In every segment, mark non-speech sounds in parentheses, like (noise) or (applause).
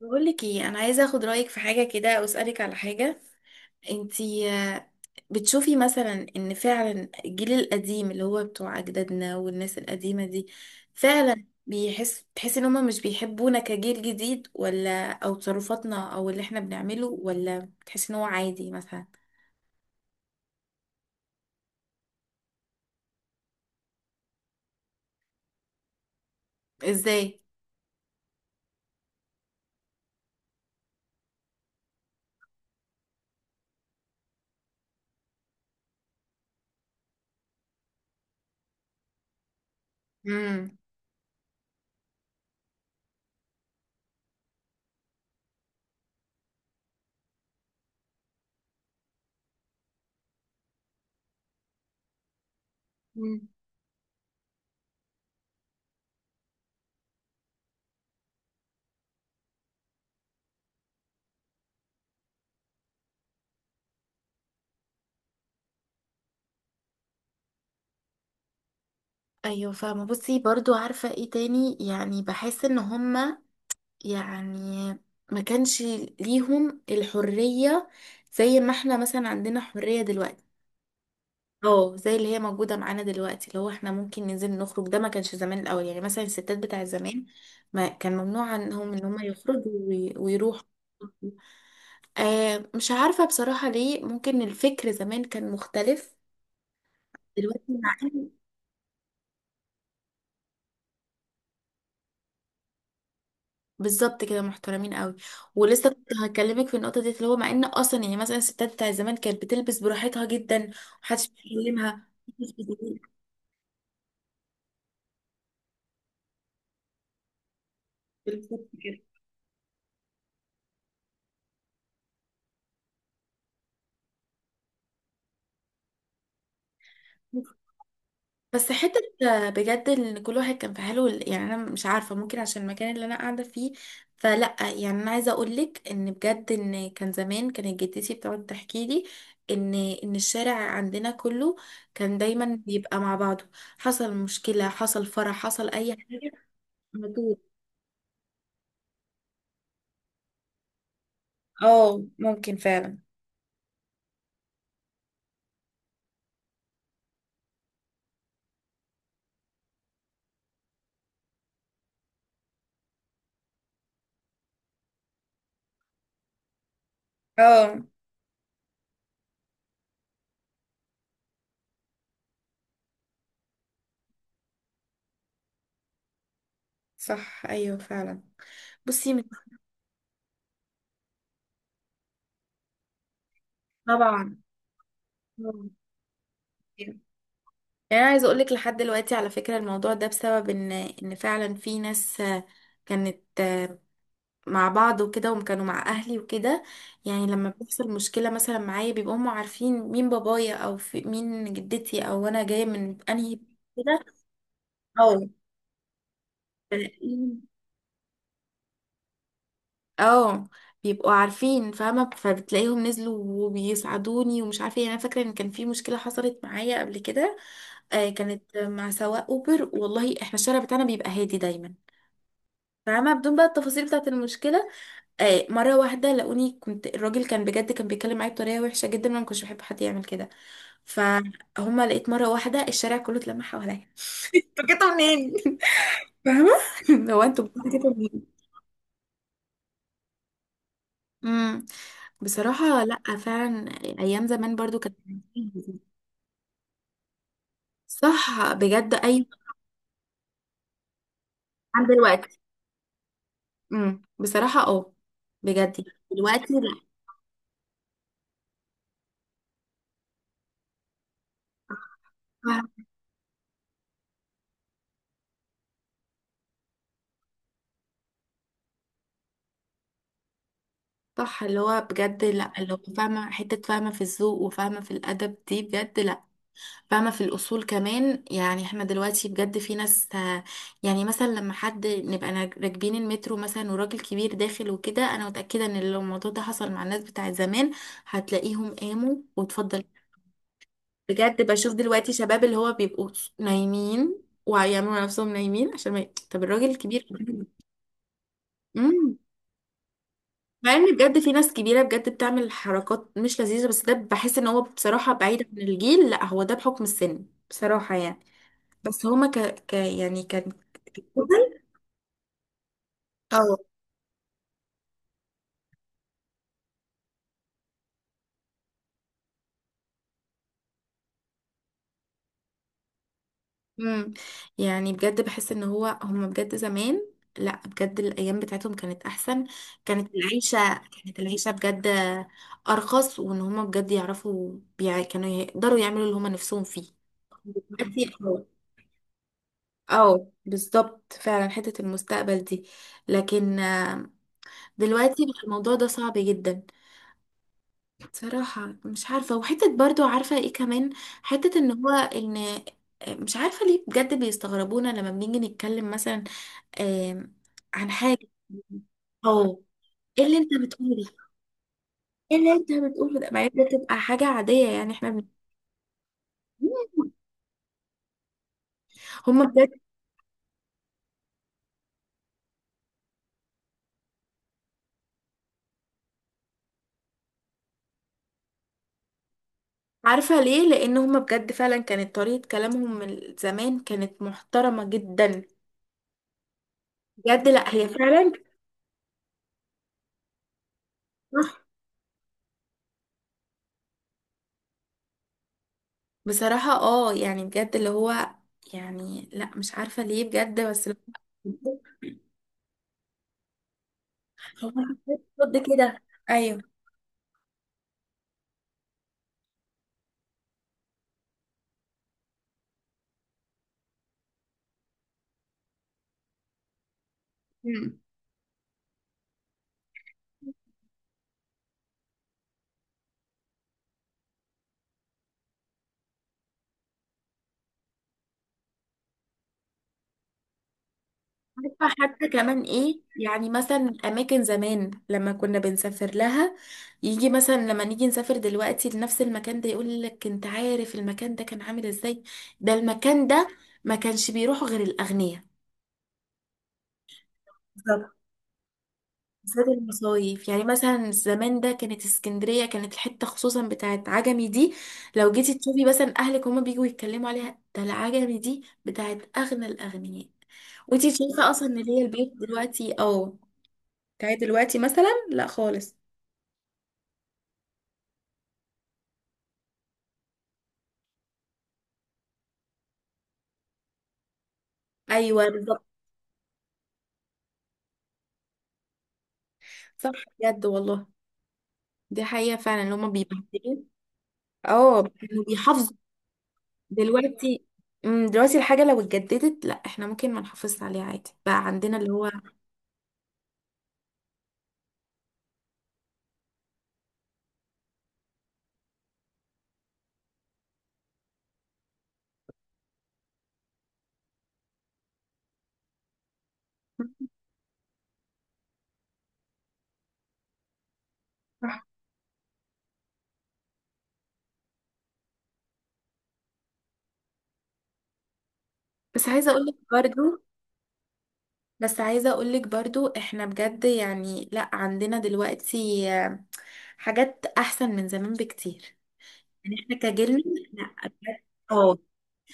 بقولك ايه، انا عايزه اخد رايك في حاجه كده او اسالك على حاجه. انتي بتشوفي مثلا ان فعلا الجيل القديم اللي هو بتوع اجدادنا والناس القديمه دي فعلا بيحس تحسي ان هما مش بيحبونا كجيل جديد، ولا او تصرفاتنا او اللي احنا بنعمله، ولا بتحسي ان هو عادي مثلا؟ ازاي؟ امم. ايوه فاهمه. بصي برضو عارفه ايه تاني؟ يعني بحس ان هما يعني ما كانش ليهم الحرية زي ما احنا مثلا عندنا حرية دلوقتي. اه زي اللي هي موجودة معانا دلوقتي، اللي هو احنا ممكن ننزل نخرج. ده ما كانش زمان الأول، يعني مثلا الستات بتاع زمان ما كان ممنوع عنهم ان هم يخرجوا ويروحوا. آه مش عارفة بصراحة ليه، ممكن الفكر زمان كان مختلف دلوقتي. بالظبط كده، محترمين قوي. ولسه كنت هكلمك في النقطه دي، اللي هو مع ان اصلا يعني مثلا الستات بتاع زمان كانت بتلبس براحتها جدا ومحدش بيكلمها محدش بيضايقها. بالظبط كده. بس حته بجد ان كل واحد كان في حاله، يعني انا مش عارفه ممكن عشان المكان اللي انا قاعده فيه، فلا. يعني انا عايزه اقول لك ان بجد ان كان زمان كانت جدتي بتقعد تحكي لي ان ان الشارع عندنا كله كان دايما بيبقى مع بعضه، حصل مشكله، حصل فرح، حصل اي حاجه. اه ممكن فعلا. اه صح ايوه فعلا. بصي مش طبعا. آه. يعني انا عايزه اقول لك لحد دلوقتي على فكره الموضوع ده بسبب ان فعلا في ناس كانت مع بعض وكده، وكانوا مع اهلي وكده. يعني لما بيحصل مشكله مثلا معايا بيبقوا هم عارفين مين بابايا او في مين جدتي او انا جايه من انهي. كده اه. اه بيبقوا عارفين، فاهمة، فبتلاقيهم نزلوا وبيساعدوني، ومش عارفة ايه. انا فاكرة ان كان في مشكلة حصلت معايا قبل كده، آه، كانت مع سواق اوبر. والله احنا الشارع بتاعنا بيبقى هادي دايما. فاهمة، بدون بقى التفاصيل بتاعة المشكلة، آه، مرة واحدة لقوني. كنت الراجل كان بجد كان بيتكلم معايا بطريقة وحشة جدا، وانا ما كنتش بحب حد يعمل كده، فهما لقيت مرة واحدة الشارع كله اتلم حواليا (laughs) انتوا جيتوا منين؟ فاهمة. (laughs) لو انتوا بتجيبوا. امم. بصراحة لأ فعلا. أيام زمان برضو كانت. (laughs) صح بجد أي. عن دلوقتي. بصراحة اه. بجد يعني دلوقتي لأ. فاهمة. صح اللي هو بجد لأ، اللي هو فاهمة حتة، فاهمة في الذوق، وفاهمة في الأدب دي بجد لأ. فاهمة في الأصول كمان. يعني احنا دلوقتي بجد في ناس يعني مثلا لما حد نبقى راكبين المترو مثلا وراجل كبير داخل وكده، أنا متأكدة إن لو الموضوع ده حصل مع الناس بتاعت زمان هتلاقيهم قاموا واتفضل. بجد بشوف دلوقتي شباب اللي هو بيبقوا نايمين ويعملوا على نفسهم نايمين عشان ما ي... طب الراجل الكبير (laughs) امم. مع ان بجد في ناس كبيره بجد بتعمل حركات مش لذيذه، بس ده بحس ان هو بصراحه بعيد عن الجيل، لا هو ده بحكم السن بصراحه يعني. بس هما يعني كان. اه. مم. يعني بجد بحس ان هو هما بجد زمان، لا بجد الايام بتاعتهم كانت احسن. كانت العيشه بجد ارخص، وان هما بجد يعرفوا كانوا يقدروا يعملوا اللي هما نفسهم فيه. دلوقتي اه. بالظبط فعلا حته المستقبل دي. لكن دلوقتي بقى الموضوع ده صعب جدا. صراحه مش عارفه. وحته برضو عارفه ايه كمان، حته ان هو ان مش عارفه ليه بجد بيستغربونا لما بنيجي نتكلم مثلا آم، عن حاجة، أو إيه اللي أنت بتقوله ده؟ إيه اللي أنت بتقوله ده؟ مع إن ده تبقى حاجة عادية يعني إحنا (laughs) هما بجد. عارفة ليه؟ لأن هما بجد فعلا كانت طريقة كلامهم من زمان كانت محترمة جدا. بجد لأ هي فعلا. صح. بصراحة اه يعني بجد اللي هو، يعني لأ مش عارفة ليه بجد بس اللي هو. (laughs) هو حسيت ضد كده. أيوه. عارفة حتى كمان ايه؟ يعني مثلا اماكن زمان لما كنا بنسافر لها، يجي مثلا لما نيجي نسافر دلوقتي لنفس المكان ده يقول لك انت عارف المكان ده كان عامل ازاي؟ ده المكان ده ما كانش بيروحوا غير الاغنياء. بالظبط. زاد المصايف، يعني مثلا زمان ده كانت اسكندرية، كانت الحتة خصوصا بتاعت عجمي دي لو جيتي تشوفي مثلا اهلك هما بيجوا يتكلموا عليها، ده العجمي دي بتاعت اغنى الاغنياء. وانتي شايفة اصلا ان اللي هي البيوت دلوقتي اه بتاعت دلوقتي مثلا لا خالص. ايوه بالظبط. صح بجد والله، دي حقيقة فعلا اللي هما بيبهدلوا. اه كانوا بيحافظوا. دلوقتي مم، دلوقتي الحاجة لو اتجددت لا احنا ممكن ما نحافظش عليها عادي، بقى عندنا اللي هو. صح. بس عايزة اقولك برضو بس عايزة اقولك برضو احنا بجد يعني لا عندنا دلوقتي حاجات احسن من زمان بكتير. يعني احنا كجيلنا لا بجد اه،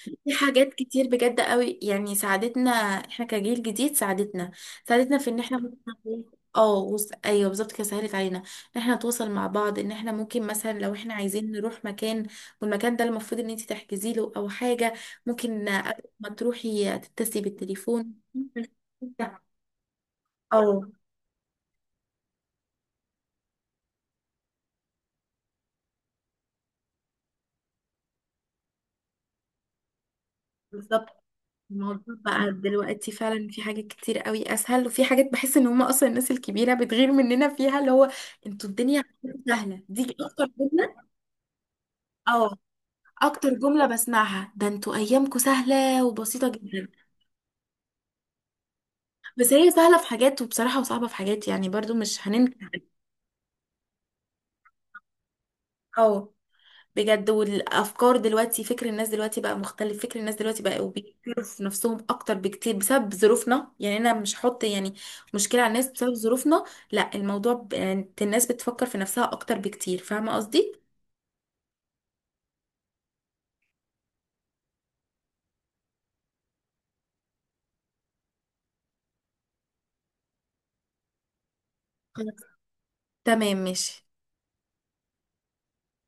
في حاجات كتير بجد قوي يعني ساعدتنا احنا كجيل جديد، ساعدتنا، ساعدتنا في ان احنا اه ايوه بالظبط كده سهلت علينا ان احنا نتواصل مع بعض، ان احنا ممكن مثلا لو احنا عايزين نروح مكان والمكان ده المفروض ان انت تحجزي له او حاجه ممكن قبل ما تروحي تتصلي بالتليفون. اه بالظبط. الموضوع بقى دلوقتي فعلا في حاجات كتير قوي اسهل، وفي حاجات بحس ان هم اصلا الناس الكبيره بتغير مننا فيها، اللي هو انتوا الدنيا عندكم سهله، دي اكتر جمله. اه اكتر جمله بسمعها ده انتوا ايامكم سهله وبسيطه جدا. بس هي سهله في حاجات وبصراحه وصعبه في حاجات، يعني برضو مش هننكر. اه بجد. والافكار دلوقتي فكر الناس دلوقتي بقى مختلف، فكر الناس دلوقتي بقى وبيفكروا في نفسهم اكتر بكتير بسبب ظروفنا. يعني انا مش هحط يعني مشكلة على الناس بسبب ظروفنا. لا الموضوع يعني الناس بتفكر في نفسها اكتر بكتير، فاهمة قصدي. خلاص تمام ماشي.